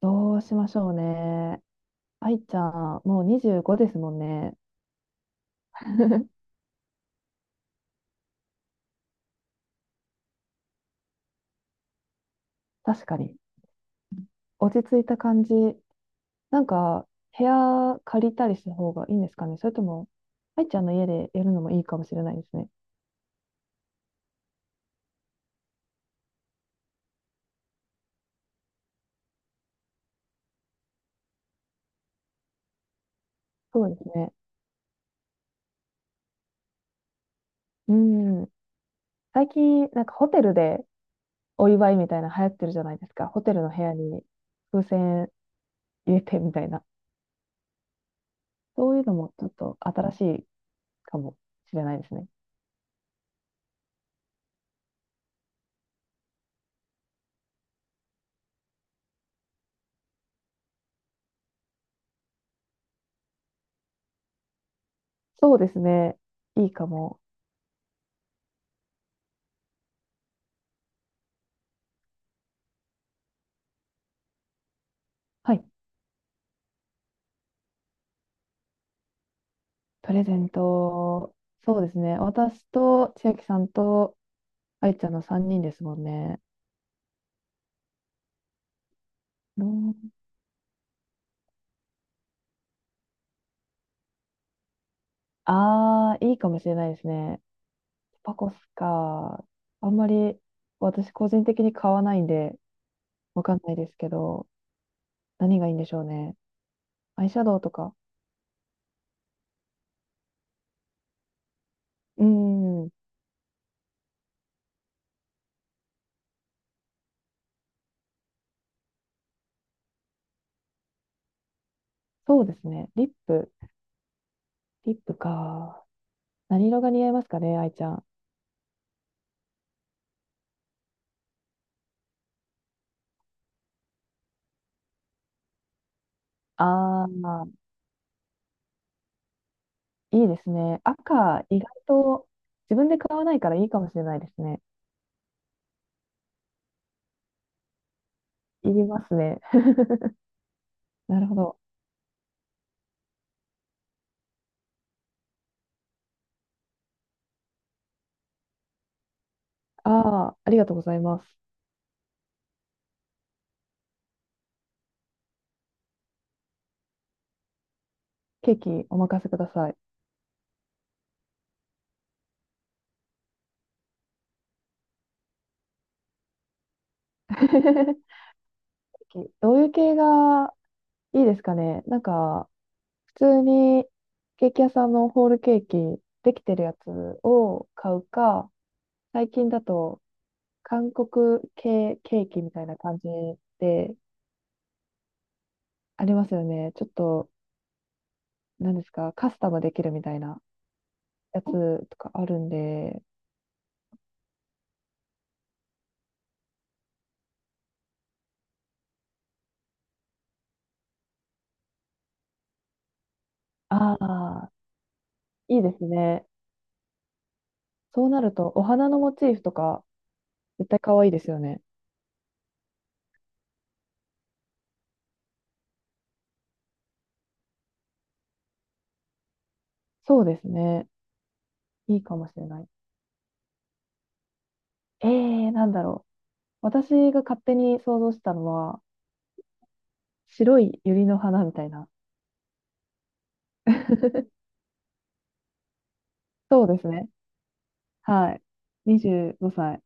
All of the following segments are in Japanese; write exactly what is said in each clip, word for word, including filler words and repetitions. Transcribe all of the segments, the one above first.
どうしましょうね。愛ちゃん、もうにじゅうごですもんね。確かに。落ち着いた感じ。なんか、部屋借りたりした方がいいんですかね。それとも、愛ちゃんの家でやるのもいいかもしれないですね。そうですね。うん。最近、なんかホテルでお祝いみたいな流行ってるじゃないですか。ホテルの部屋に風船入れてみたいな。そういうのもちょっと新しいかもしれないですね。そうですね。いいかも。はい。プレゼント、そうですね。私と千秋さんと愛ちゃんのさんにんですもんね。どう、ああ、いいかもしれないですね。パコスか。あんまり私個人的に買わないんで、わかんないですけど、何がいいんでしょうね。アイシャドウとか。うーん、そうですね。リップ。リップか。何色が似合いますかね、愛ちゃん。ああ、いいですね。赤、意外と自分で買わないからいいかもしれないですね。いりますね。なるほど。ああ、ありがとうございます。ケーキお任せください。ケーキどういう系がいいですかね、なんか、普通にケーキ屋さんのホールケーキできてるやつを買うか、最近だと韓国系ケーキみたいな感じでありますよね。ちょっと、何ですか、カスタムできるみたいなやつとかあるんで、ああ、いいですね。そうなると、お花のモチーフとか絶対可愛いですよね。そうですね。いいかもしれない。えー、なんだろう。私が勝手に想像したのは、白い百合の花みたいな。そうですね。はい。にじゅうごさい、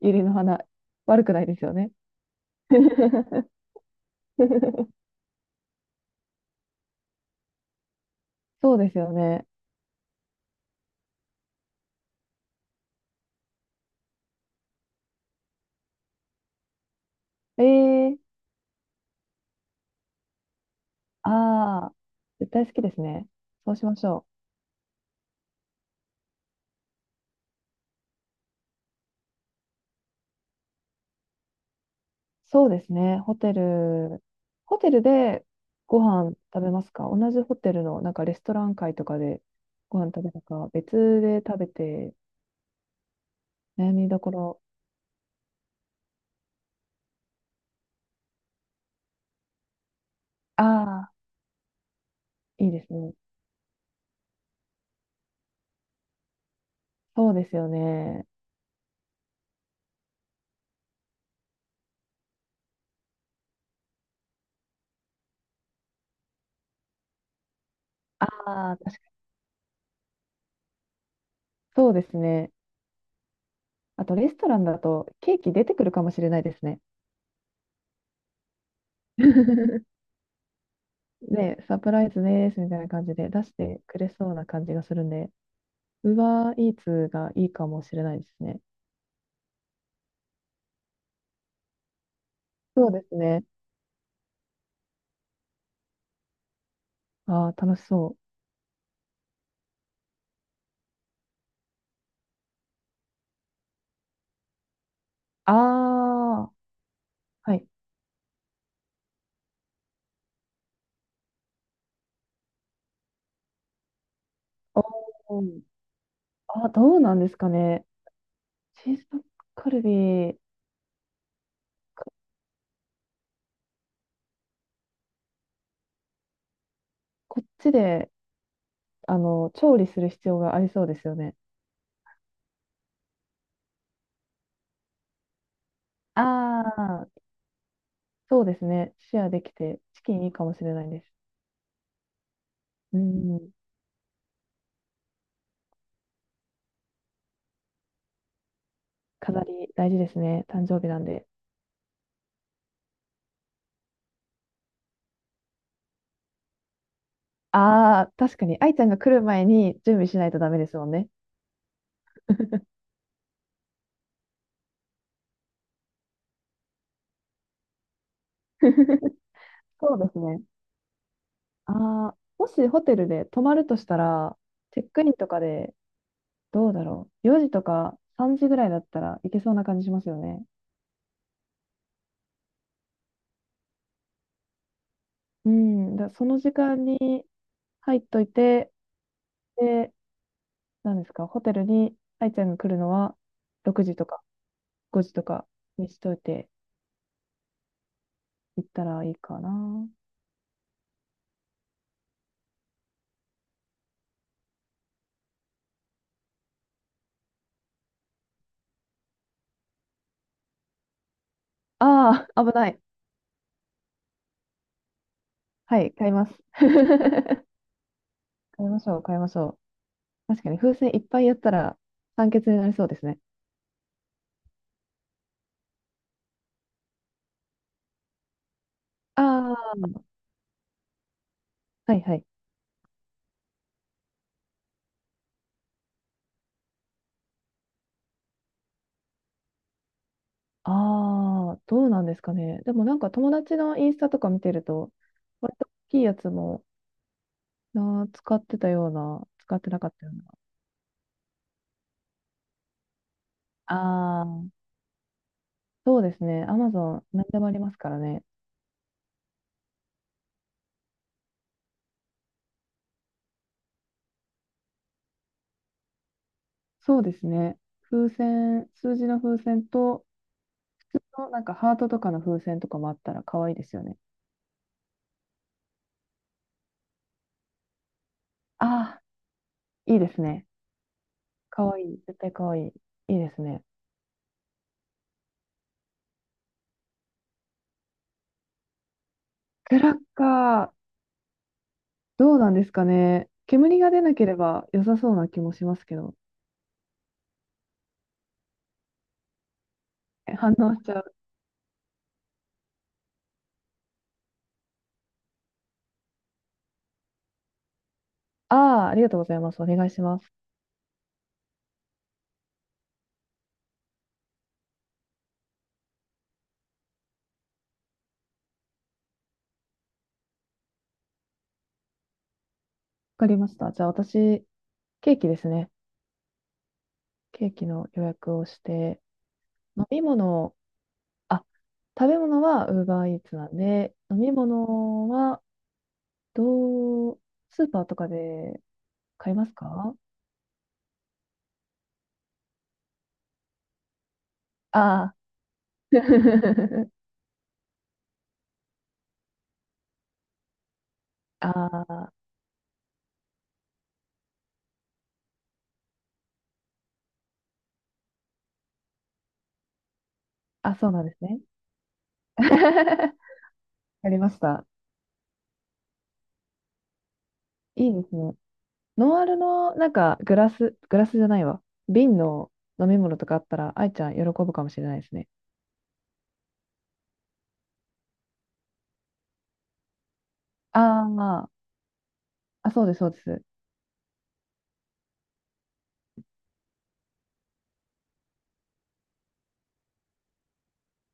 百合の花。悪くないですよね。そうですよね。えー、ああ、絶対好きですね。そうしましょう。そうですね。ホテル、ホテルでご飯食べますか、同じホテルのなんかレストラン会とかでご飯食べたか、別で食べて悩みどころ。ああ、いいですね。そうですよね。ああ、確かに。そうですね。あとレストランだとケーキ出てくるかもしれないですね。ね、サプライズですみたいな感じで出してくれそうな感じがするんで、ウーバーイーツがいいかもしれないですね。そうですね。ああ、楽しそう。ああ、はい。おー、あ、どうなんですかね。チーズタッカルビ、ここっちで、あの、調理する必要がありそうですよね。ああ、そうですね。シェアできて、チキンいいかもしれないです。うん、飾り大事ですね。誕生日なんで。ああ、確かに、愛ちゃんが来る前に準備しないとダメですもんね。そうですね。ああ、もしホテルで泊まるとしたら、チェックインとかで、どうだろう。よじとかさんじぐらいだったらいけそうな感じしますよね。うん。だその時間に入っといて、で、何ですか、ホテルに愛ちゃんが来るのはろくじとかごじとかにしといて行ったらいいかな。ああ、危ない。はい、買います。買いましょう、買いましょう。確かに風船いっぱいやったら酸欠になりそうですね。ああ、はいはい。ああ、どうなんですかね。でもなんか友達のインスタとか見てると、割と大きいやつもあー使ってたような、使ってなかったような。ああ、そうですね。アマゾン、何でもありますからね。そうですね。風船、数字の風船と、普通のなんかハートとかの風船とかもあったら可愛いですよね。ああ、いいですね。可愛い。絶対可愛い。いいですね。クラッカー、どうなんですかね。煙が出なければ良さそうな気もしますけど。え、反応しちゃう。ああ、ありがとうございます。お願いします。わかりました。じゃあ私、ケーキですね。ケーキの予約をして、飲み物、あ、食べ物は ウーバーイーツ なんで、飲み物は、どう、スーパーとかで買いますか。ああー。 ああ、あ、そうなんですね。やりました。いいですね。ノンアルの、なんか、グラス、グラスじゃないわ。瓶の飲み物とかあったら、愛ちゃん喜ぶかもしれないですね。ああ、あ、そうです、そうです。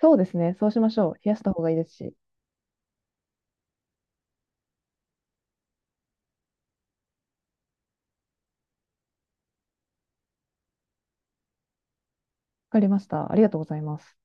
そうですね。そうしましょう。冷やした方がいいですし。わかりました。ありがとうございます。